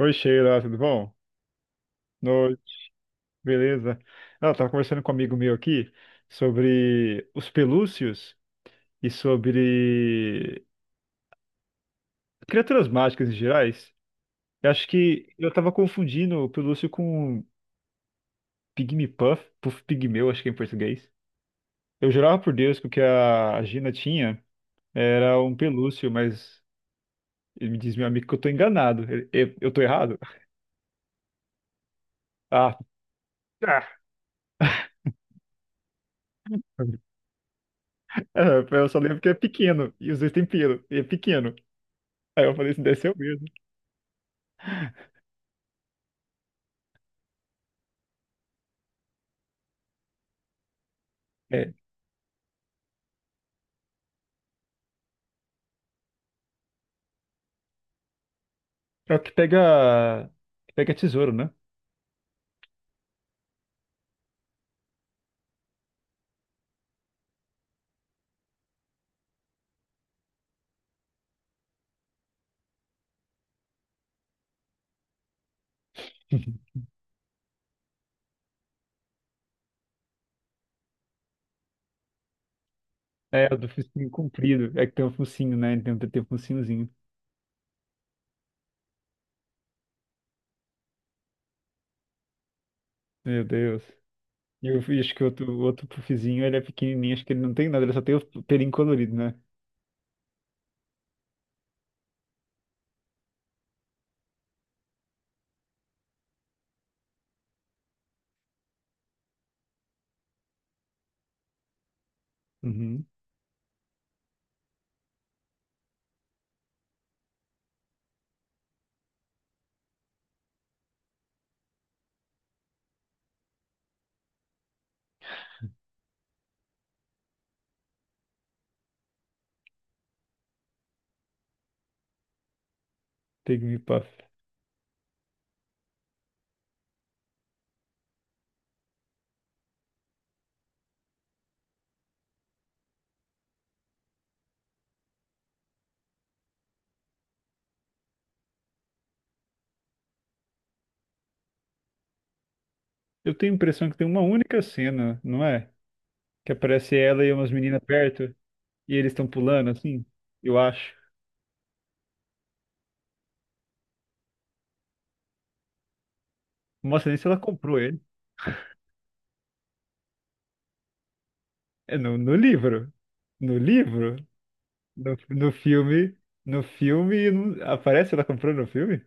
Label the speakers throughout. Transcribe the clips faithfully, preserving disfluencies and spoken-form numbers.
Speaker 1: Oi, Sheila, tudo bom? Noite, beleza? Ela estava conversando com um amigo meu aqui sobre os pelúcios e sobre criaturas mágicas em gerais. Eu acho que eu estava confundindo o pelúcio com Pygmy Puff, Puff Pigmeu, acho que é em português. Eu jurava por Deus que o que a Gina tinha era um pelúcio, mas ele me diz meu amigo que eu tô enganado. Eu, eu, eu tô errado? Ah, ah. É, eu só lembro que é pequeno e os dois têm pelo, e é pequeno. Aí eu falei, isso deve ser o mesmo. É, é o que pega, que pega tesouro, né? É, o do focinho comprido. É que tem um focinho, né? Ele tem, um, tem um focinhozinho. Meu Deus. E eu acho que o outro, o outro puffzinho, ele é pequenininho. Acho que ele não tem nada, ele só tem o pelinho colorido, né? Uhum. Take me puff. Eu tenho a impressão que tem uma única cena, não é? Que aparece ela e umas meninas perto e eles estão pulando, assim. Eu acho. Não mostra nem se ela comprou ele. É no, no livro. No livro? No, no filme, no filme, não- aparece ela comprando no filme?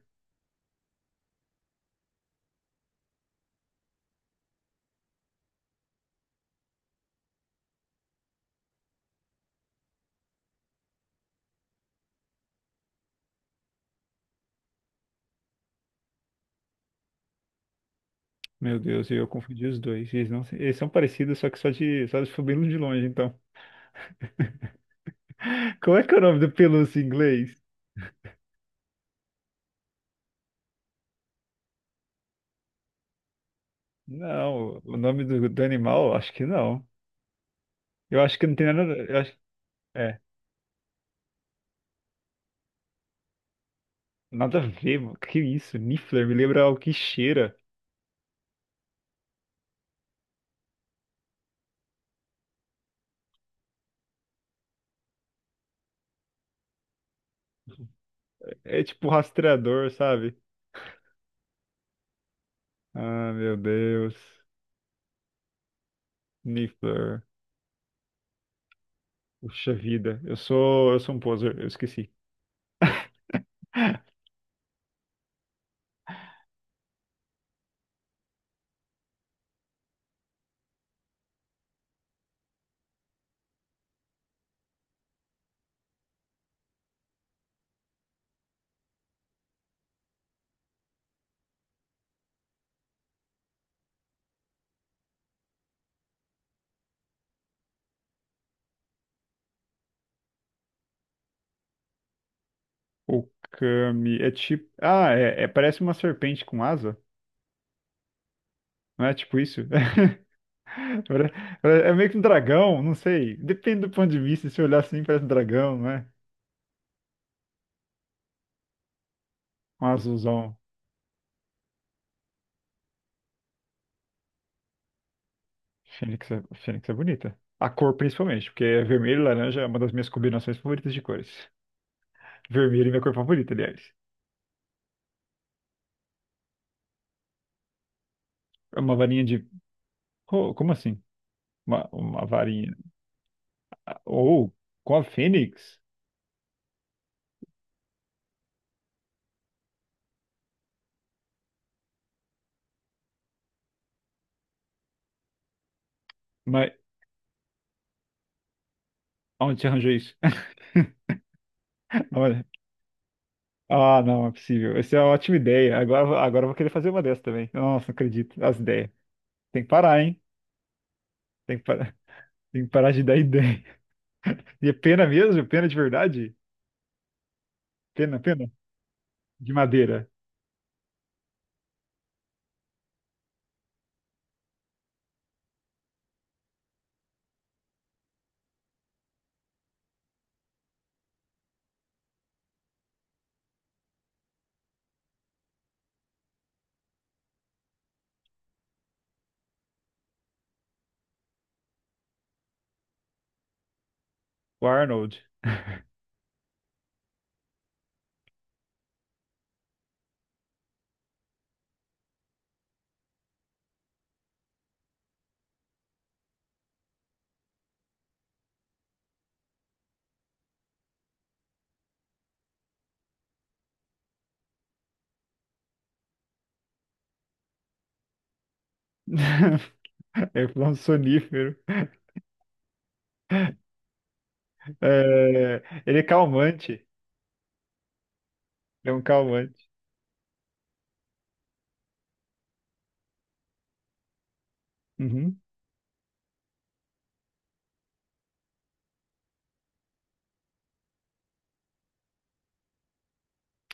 Speaker 1: Meu Deus, eu confundi os dois. Eles não, se- Eles são parecidos, só que só de, só de foi bem de longe, então. Qual é que é o nome do pelúcia em inglês? Não, o nome do, do animal, acho que não. Eu acho que não tem nada, eu acho, é, nada a ver, mano. Que isso? Niffler me lembra algo que cheira. É tipo rastreador, sabe? Ah, meu Deus. Niffler. Puxa vida, eu sou, eu sou um poser, eu esqueci. O Kami é tipo. Ah, é, é- parece uma serpente com asa. Não é tipo isso? Pare- É meio que um dragão, não sei. Depende do ponto de vista. Se olhar assim, parece um dragão, não é? Um azulzão. Fênix é, Fênix é bonita. A cor, principalmente, porque é vermelho e laranja é uma das minhas combinações favoritas de cores. Vermelho é minha cor favorita, aliás. É uma varinha de. Co- como assim? Uma, uma varinha. Ou com a Fênix? Mas onde você arranjou isso? Ah, não, é possível. Essa é uma ótima ideia. Agora, agora eu vou querer fazer uma dessa também. Nossa, não acredito. As ideias. Tem que parar, hein? Tem que parar, tem que parar de dar ideia. E é pena mesmo? Pena de verdade? Pena, pena? De madeira. O Arnold. É um sonífero. É, ele é calmante. É um calmante. Uhum.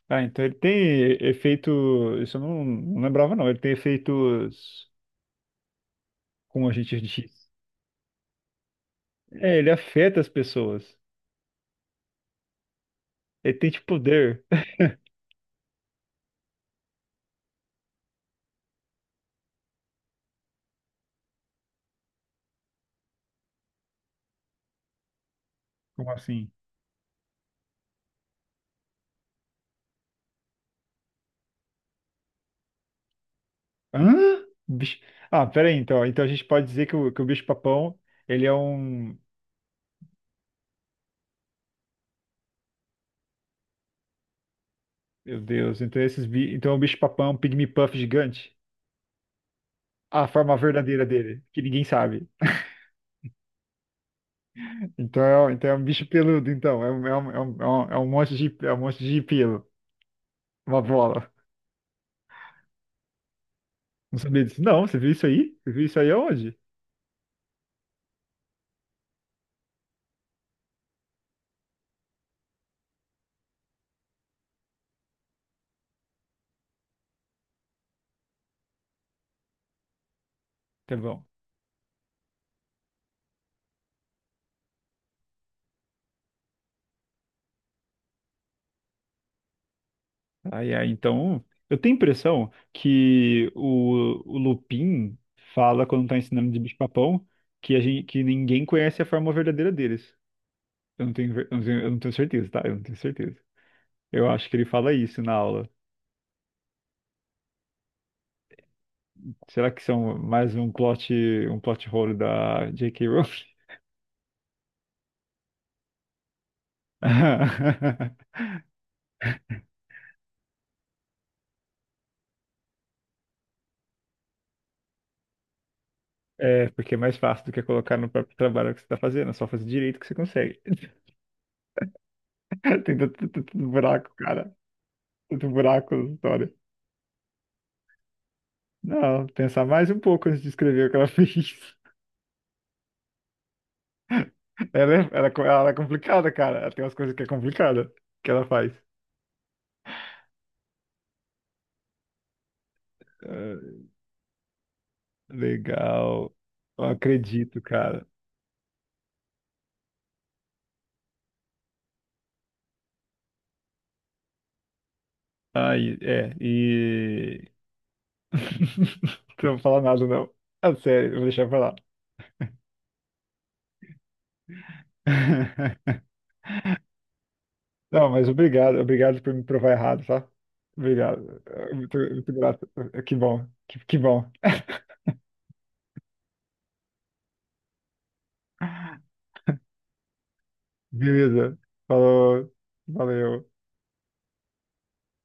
Speaker 1: Ah, então ele tem efeito. Isso eu não, não lembrava, não. Ele tem efeitos. Como a gente diz. É, ele afeta as pessoas. Ele tem tipo poder. Como assim? Hã? Bicho... Ah, peraí, então. Então a gente pode dizer que o, que o bicho-papão, ele é um. Meu Deus, então esses bi... então o bicho-papão é um pygmy puff gigante? A forma verdadeira dele, que ninguém sabe. Então é, então é um bicho peludo, então. É um, é um, é um, é um é um monte de, é um monte de pelo. Uma bola. Não sabia disso. Não, você viu isso aí? Você viu isso aí aonde? Tá bom. Ai, ai, então, eu tenho a impressão que o, o Lupin fala quando tá ensinando de bicho-papão que, a gente, que ninguém conhece a forma verdadeira deles. Eu não tenho, ver- eu não tenho, eu não tenho certeza, tá? Eu não tenho certeza. Eu acho que ele fala isso na aula. Será que são mais um plot, um plot hole da jota ponto ká ponto. Rowling? É, porque é mais fácil do que colocar no próprio trabalho que você tá fazendo, é só fazer direito que você consegue. Tem tanto, tanto buraco, cara. Tanto buraco na história. Não, pensar mais um pouco antes de escrever o que ela fez. Ela é, ela, é co- ela é complicada, cara. Ela tem umas coisas que é complicada que ela faz. Ah, legal. Eu acredito, cara. Ai, é, e. Não vou falar nada, não. Ah, sério, eu vou deixar pra lá. Não, mas obrigado, obrigado por me provar errado, tá? Obrigado. Eh, Muito, muito grato. Eh, Que bom, que, que bom. Beleza. Falou, valeu.